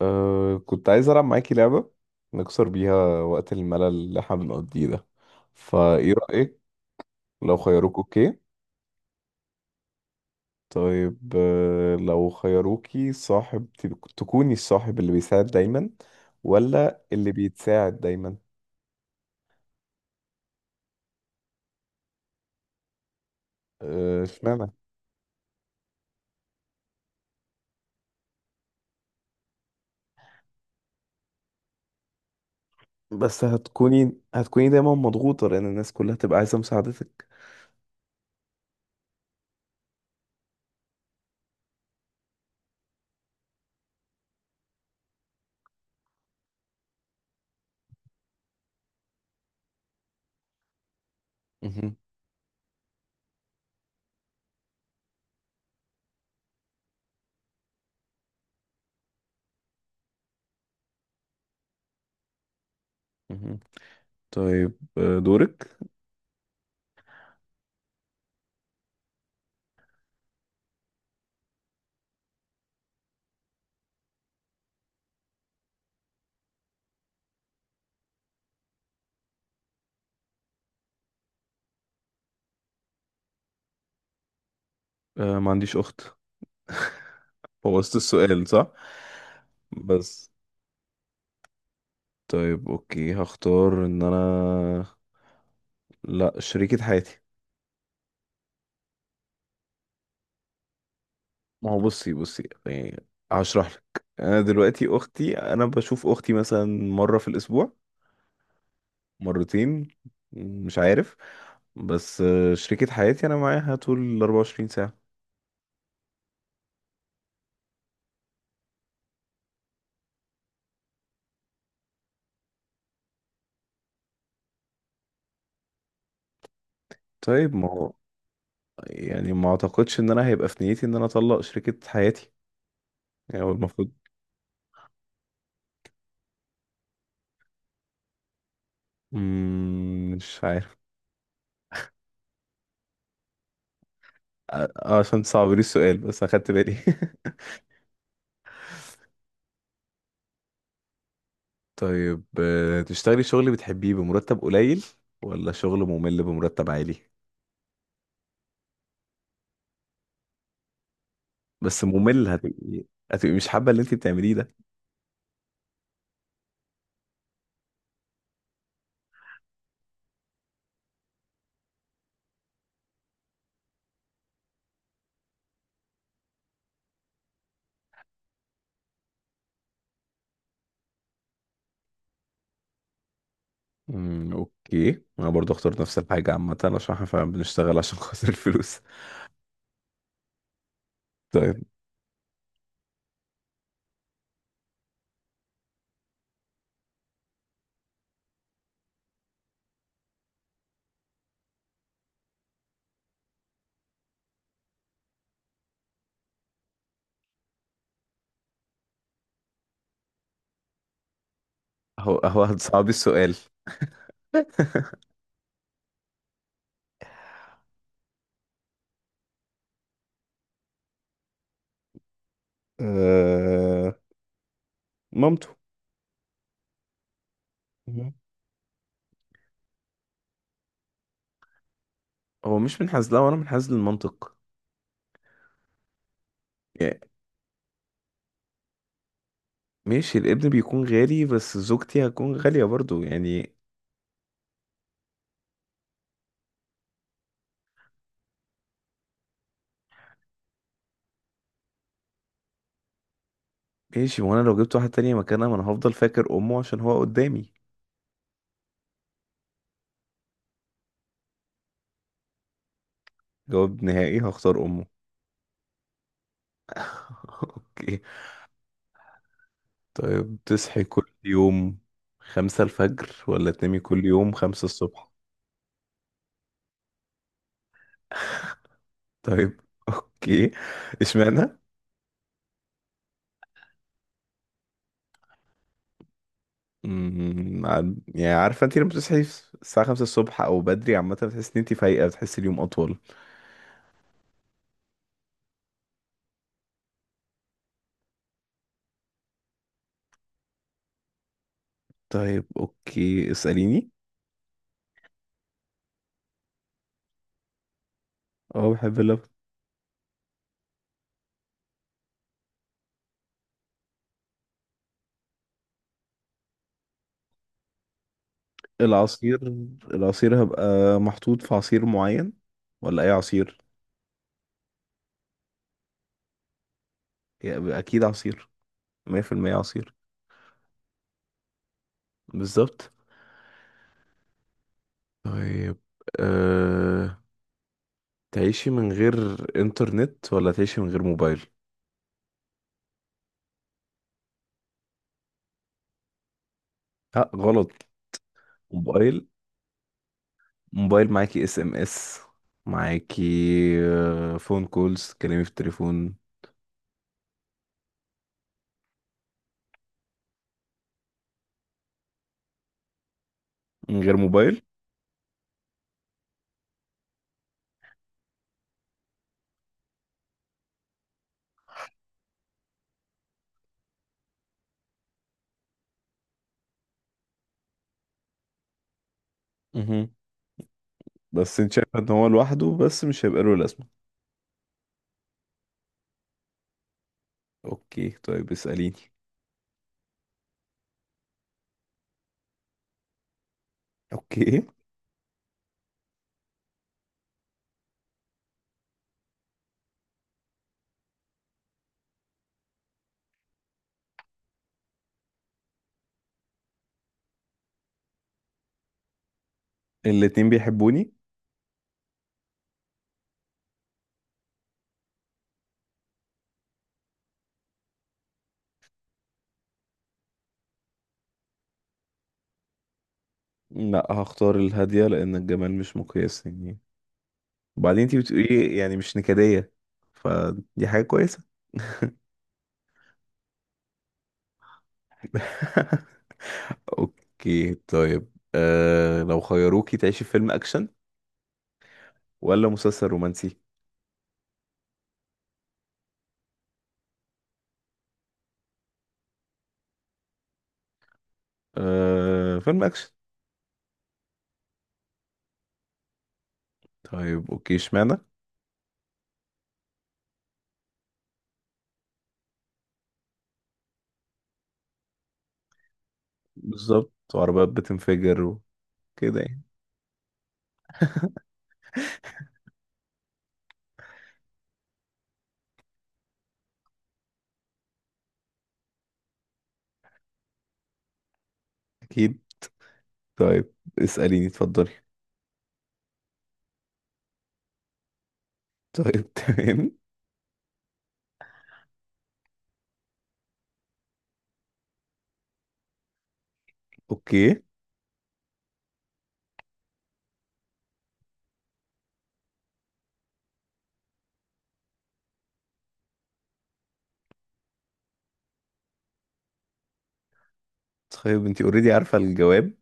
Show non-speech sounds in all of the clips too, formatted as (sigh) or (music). كنت عايز ألعب معاكي لعبة نكسر بيها وقت الملل اللي احنا بنقضيه ده، فإيه رأيك؟ لو خيروك. أوكي. طيب، لو خيروكي صاحب تكوني الصاحب اللي بيساعد دايما، ولا اللي بيتساعد دايما؟ اشمعنى؟ بس هتكوني دايما مضغوطة لأن الناس كلها تبقى عايزة مساعدتك. مهم. مهم. طيب دورك. ما عنديش أخت. (laughs) بوظت السؤال صح. بس طيب، اوكي هختار ان انا لا شريكة حياتي. ما هو بصي بصي، يعني هشرح لك. انا دلوقتي اختي، انا بشوف اختي مثلا مرة في الاسبوع، مرتين، مش عارف. بس شريكة حياتي انا معاها طول ال 24 ساعة. طيب ما هو، يعني ما اعتقدش ان انا هيبقى في نيتي ان انا اطلق شريكة حياتي. يعني هو المفروض. مش عارف. عشان صعب لي السؤال بس اخدت بالي. (laughs) طيب، تشتغلي شغل بتحبيه بمرتب قليل، ولا شغل ممل بمرتب عالي؟ بس ممل، هتبقي مش حابة اللي انت بتعمليه ده. اوكي، انا برضو اختار نفس الحاجة عامة عشان احنا فعلا بنشتغل عشان (laughs) خاطر الفلوس. طيب. هو صعب السؤال. أه... مامته. مهم. هو مش منحاز، لا وانا منحاز للمنطق يعني. ماشي، الابن بيكون غالي بس زوجتي هتكون غالية برضو يعني. ماشي، وانا لو جبت واحد تاني مكانها، ما انا هفضل فاكر امه عشان هو قدامي. جواب نهائي هختار أمه. (laughs) أوكي. طيب، تصحي كل يوم خمسة الفجر ولا تنامي كل يوم خمسة الصبح؟ طيب. (laughs) أوكي. اشمعنى؟ يعني عارفة أنت لما بتصحي الساعة خمسة الصبح أو بدري عامة، بتحسي إن أنت فايقة، بتحسي اليوم أطول. طيب أوكي، اسأليني. أه، بحب اللبن. العصير. العصير هبقى محطوط في عصير معين ولا أي عصير؟ يعني أكيد عصير. مية في المية عصير. بالظبط. طيب أه... تعيشي من غير انترنت، ولا تعيشي من غير موبايل؟ لا غلط. موبايل. موبايل معاكي اس ام اس، معاكي فون كولز، تكلمي في التليفون. من غير موبايل. مهم. بس انت شايفه ان هو لوحده بس مش هيبقى له لازمه. اوكي، طيب اساليني. اوكي. الاتنين بيحبوني. لا، هختار الهاديه لان الجمال مش مقياس يعني. وبعدين انت بتقولي يعني مش نكديه، فدي حاجه كويسه. (laughs) اوكي. طيب لو خيروكي تعيشي في فيلم اكشن ولا مسلسل رومانسي؟ فيلم اكشن. طيب اوكي، اشمعنى؟ بالظبط، وعربيات بتنفجر وكده يعني. اكيد. طيب اسأليني، اتفضلي. طيب. (laughs) تمام. اوكي. طيب، انتي اوريدي عارفة الجواب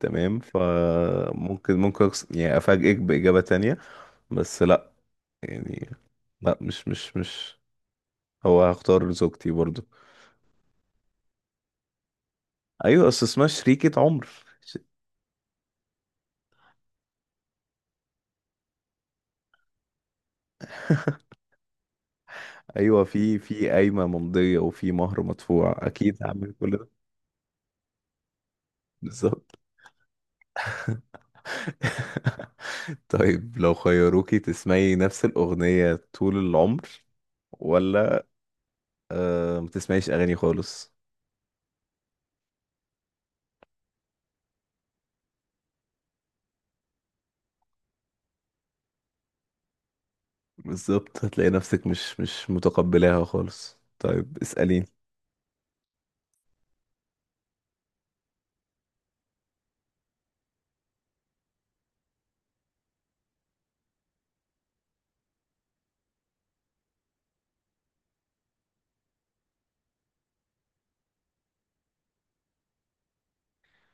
تمام، فممكن يعني افاجئك بإجابة تانية. بس لا، يعني لا. مش مش مش هختار زوجتي برضو. ايوه، اصل اسمها شريكة عمر. ايوه، في قايمه ممضيه، وفي مهر مدفوع، اكيد هعمل كل ده. بالظبط. (laughs) طيب، لو خيروكي تسمعي نفس الاغنيه طول العمر، ولا ما تسمعيش اغاني خالص؟ بالظبط، هتلاقي نفسك مش متقبلاها خالص. طيب اسأليني.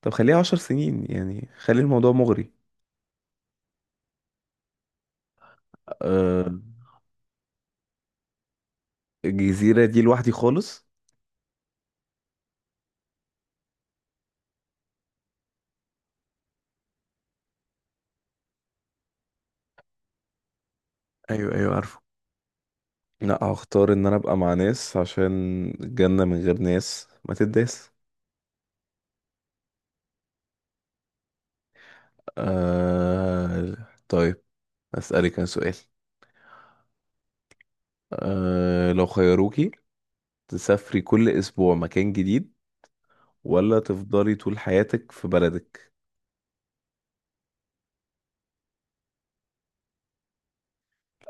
طب خليها عشر سنين يعني، خلي الموضوع مغري. أه. الجزيرة دي لوحدي خالص. ايوه ايوه عارفه. لا، هختار ان انا ابقى مع ناس، عشان الجنة من غير ناس ما تداس. آه... طيب، أسألك أنا سؤال. لو خيروكي تسافري كل أسبوع مكان جديد، ولا تفضلي طول حياتك في بلدك؟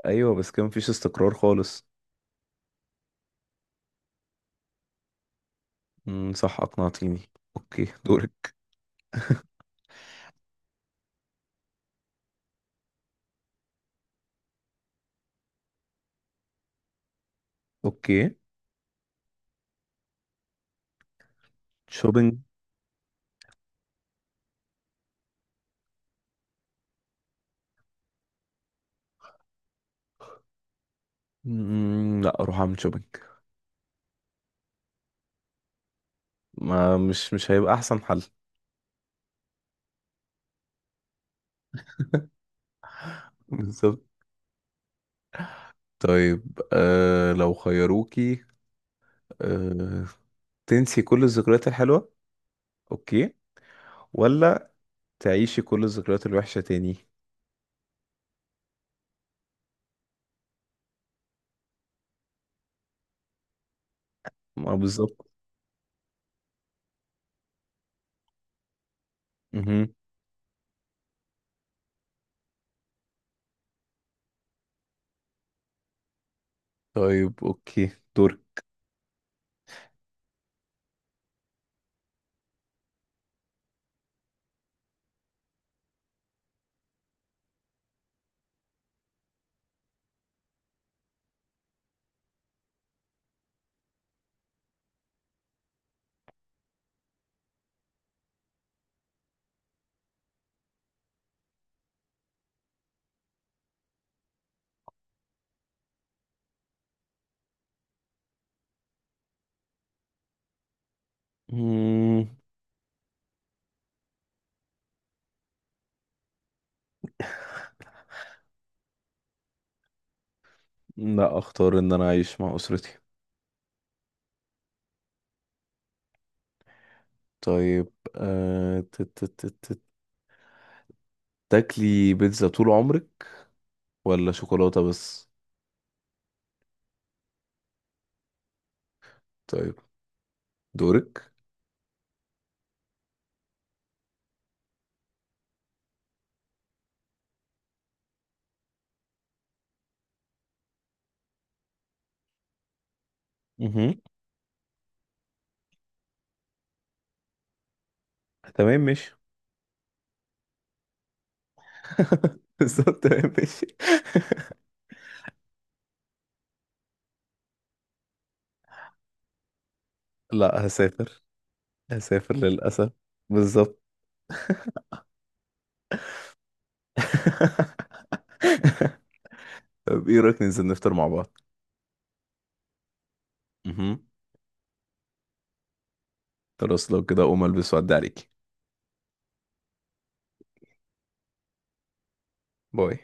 أيوة، بس كان مفيش استقرار خالص. مم، صح، أقنعتيني. أوكي دورك. أوكي. شوبينج. مم، لا أروح أعمل شوبينج. ما مش هيبقى أحسن حل. (laughs) بالظبط. طيب لو خيروكي آه... تنسي كل الذكريات الحلوة، أوكي، ولا تعيشي كل الذكريات الوحشة تاني؟ ما بالظبط. مهم. طيب اوكي، دور. مم، لا اختار ان انا اعيش مع اسرتي. طيب ت- تاكلي بيتزا طول عمرك ولا شوكولاتة بس؟ طيب. دورك. مهم. تمام ماشي. (laughs) بالظبط، تمام ماشي. لا، هسافر. هسافر للأسف. بالظبط. (laughs) طب ايه رأيك ننزل نفطر مع بعض؟ مهم. خلاص، لو كده اقوم البس وأعدي عليكي. باي.